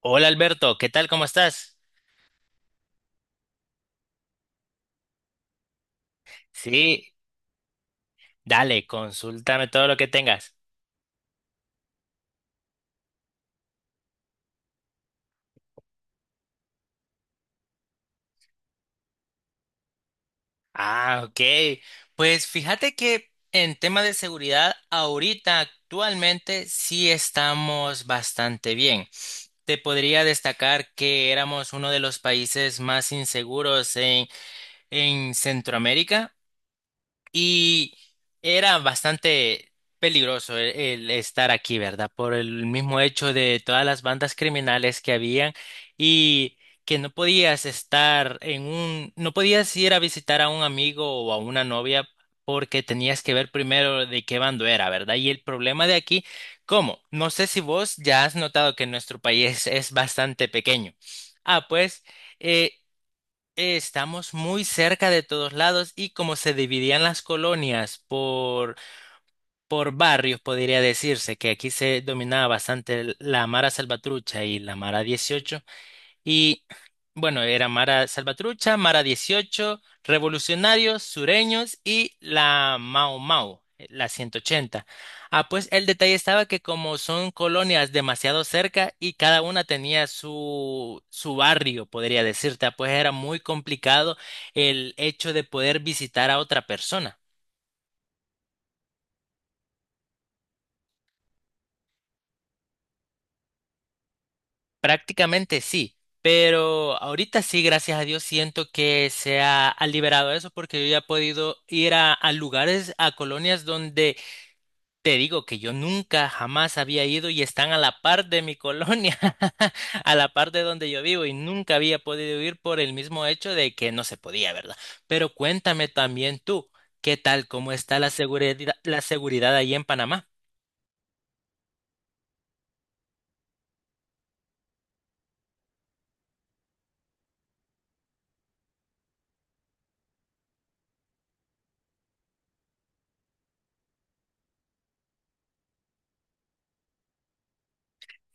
Hola Alberto, ¿qué tal? ¿Cómo estás? Sí, dale, consúltame todo lo que tengas. Ah, ok. Pues fíjate que en tema de seguridad, ahorita actualmente sí estamos bastante bien. Te podría destacar que éramos uno de los países más inseguros en Centroamérica. Y era bastante peligroso el estar aquí, ¿verdad? Por el mismo hecho de todas las bandas criminales que habían y que no podías estar no podías ir a visitar a un amigo o a una novia porque tenías que ver primero de qué bando era, ¿verdad? Y el problema de aquí, ¿cómo? No sé si vos ya has notado que nuestro país es bastante pequeño. Ah, pues, eh, estamos muy cerca de todos lados y como se dividían las colonias por barrios, podría decirse que aquí se dominaba bastante la Mara Salvatrucha y la Mara 18, y bueno, era Mara Salvatrucha, Mara 18 Revolucionarios, Sureños y la Mau Mau, la 180. Ah, pues el detalle estaba que como son colonias demasiado cerca y cada una tenía su barrio, podría decirte, ah, pues era muy complicado el hecho de poder visitar a otra persona. Prácticamente sí, pero ahorita sí, gracias a Dios, siento que se ha liberado eso porque yo ya he podido ir a lugares, a colonias donde te digo que yo nunca, jamás había ido y están a la par de mi colonia, a la par de donde yo vivo y nunca había podido ir por el mismo hecho de que no se podía, ¿verdad? Pero cuéntame también tú, ¿qué tal? ¿Cómo está la seguridad ahí en Panamá?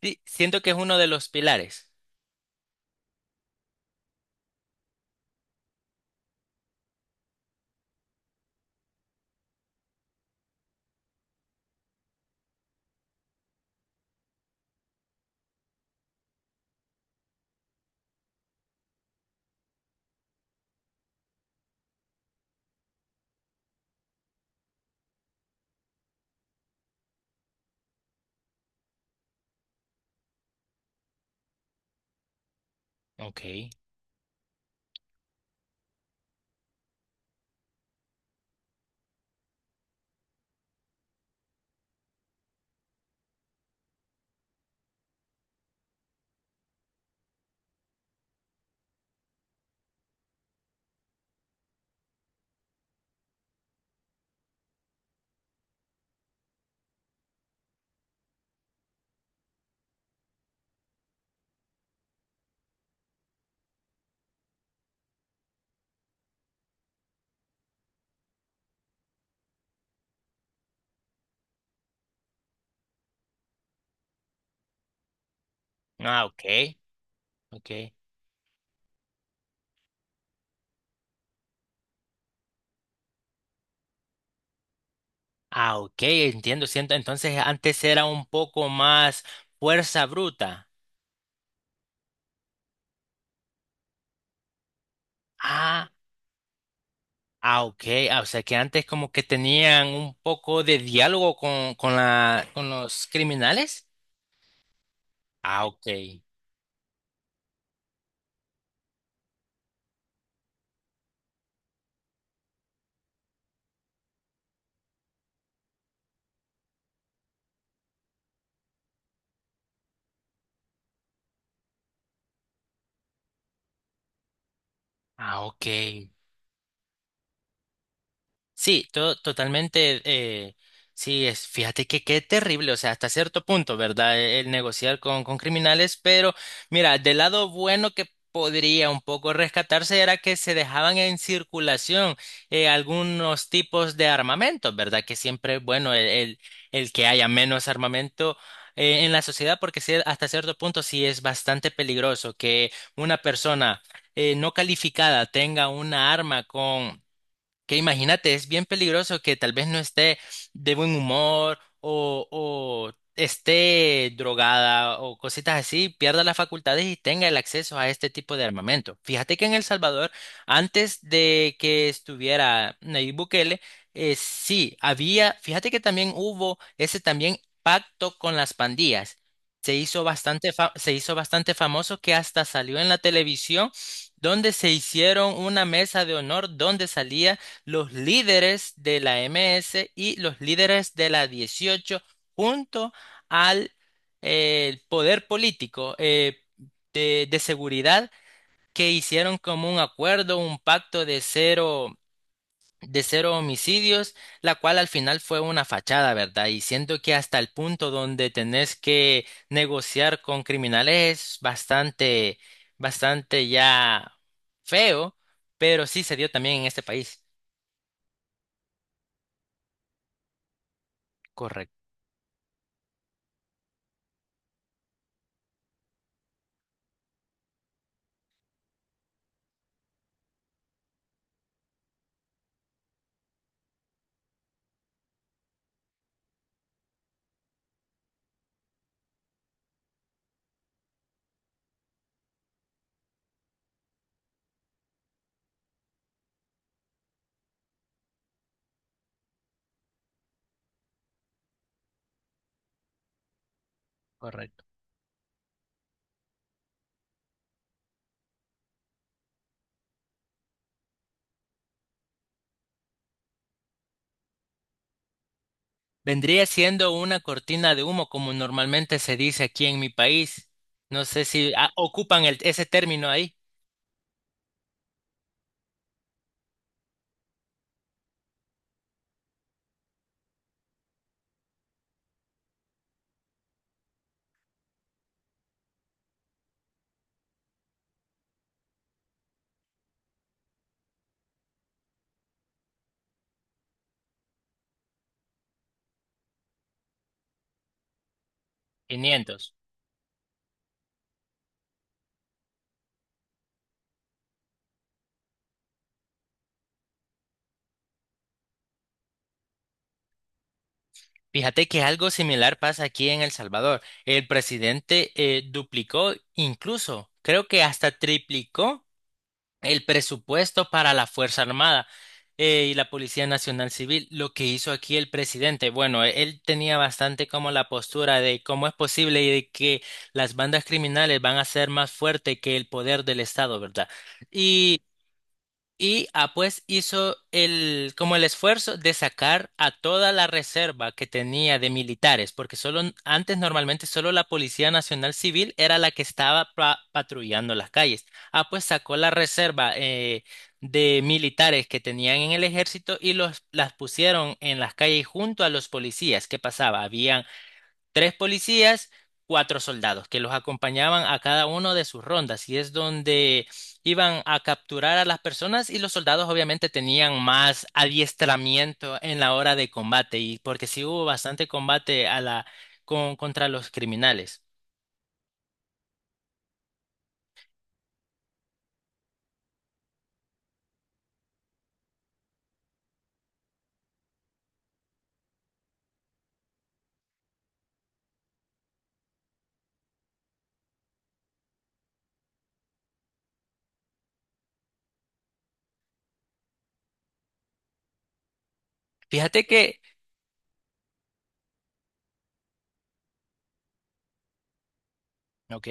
Sí, siento que es uno de los pilares. Ok. Ah, ok. Ok. Ah, ok, entiendo, siento. Entonces antes era un poco más fuerza bruta. Ah, ah, ok. Ah, o sea que antes como que tenían un poco de diálogo con los criminales. Ah, ok. Ah, ok. Sí, totalmente. Sí, fíjate que qué terrible, o sea, hasta cierto punto, ¿verdad? El negociar con criminales, pero mira, del lado bueno que podría un poco rescatarse era que se dejaban en circulación algunos tipos de armamentos, ¿verdad? Que siempre es bueno el que haya menos armamento en la sociedad, porque sí, hasta cierto punto sí es bastante peligroso que una persona no calificada tenga una arma con que imagínate, es bien peligroso que tal vez no esté de buen humor o esté drogada o cositas así, pierda las facultades y tenga el acceso a este tipo de armamento. Fíjate que en El Salvador, antes de que estuviera Nayib Bukele, sí, fíjate que también hubo ese también pacto con las pandillas. Se hizo bastante famoso que hasta salió en la televisión donde se hicieron una mesa de honor donde salía los líderes de la MS y los líderes de la 18 junto al poder político, de seguridad, que hicieron como un acuerdo, un pacto de cero, homicidios, la cual al final fue una fachada, ¿verdad? Y siento que hasta el punto donde tenés que negociar con criminales es bastante, bastante ya feo, pero sí se dio también en este país. Correcto. Vendría siendo una cortina de humo, como normalmente se dice aquí en mi país. No sé si ocupan ese término ahí. 500. Fíjate que algo similar pasa aquí en El Salvador. El presidente duplicó, incluso creo que hasta triplicó el presupuesto para la Fuerza Armada y la Policía Nacional Civil. Lo que hizo aquí el presidente, bueno, él tenía bastante como la postura de cómo es posible y de que las bandas criminales van a ser más fuertes que el poder del Estado, ¿verdad? Y pues hizo como el esfuerzo de sacar a toda la reserva que tenía de militares, porque solo antes normalmente solo la Policía Nacional Civil era la que estaba patrullando las calles. Ah, pues sacó la reserva de militares que tenían en el ejército y los las pusieron en las calles junto a los policías. ¿Qué pasaba? Habían tres policías, cuatro soldados que los acompañaban a cada uno de sus rondas y es donde iban a capturar a las personas, y los soldados obviamente tenían más adiestramiento en la hora de combate, y porque sí hubo bastante combate a la con contra los criminales. Fíjate que, ok,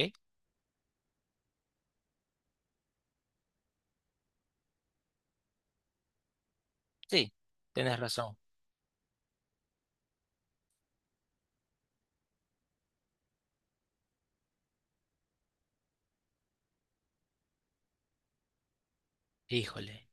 sí, tienes razón. Híjole,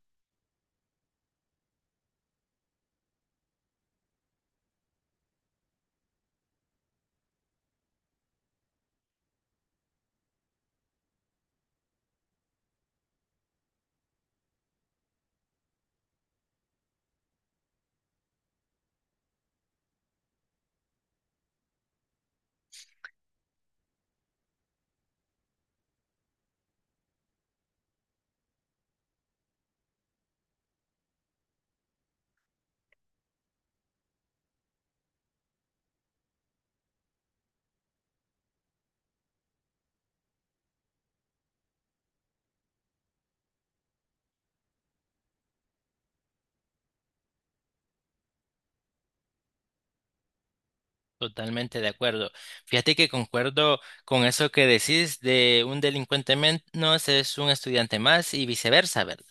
totalmente de acuerdo. Fíjate que concuerdo con eso que decís de un delincuente menos es un estudiante más y viceversa, ¿verdad?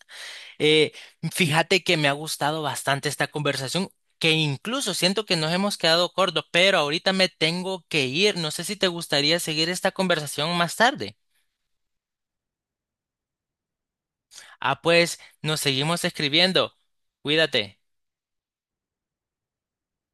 Eh, Fíjate que me ha gustado bastante esta conversación, que incluso siento que nos hemos quedado cortos, pero ahorita me tengo que ir. No sé si te gustaría seguir esta conversación más tarde. Ah, pues nos seguimos escribiendo. Cuídate.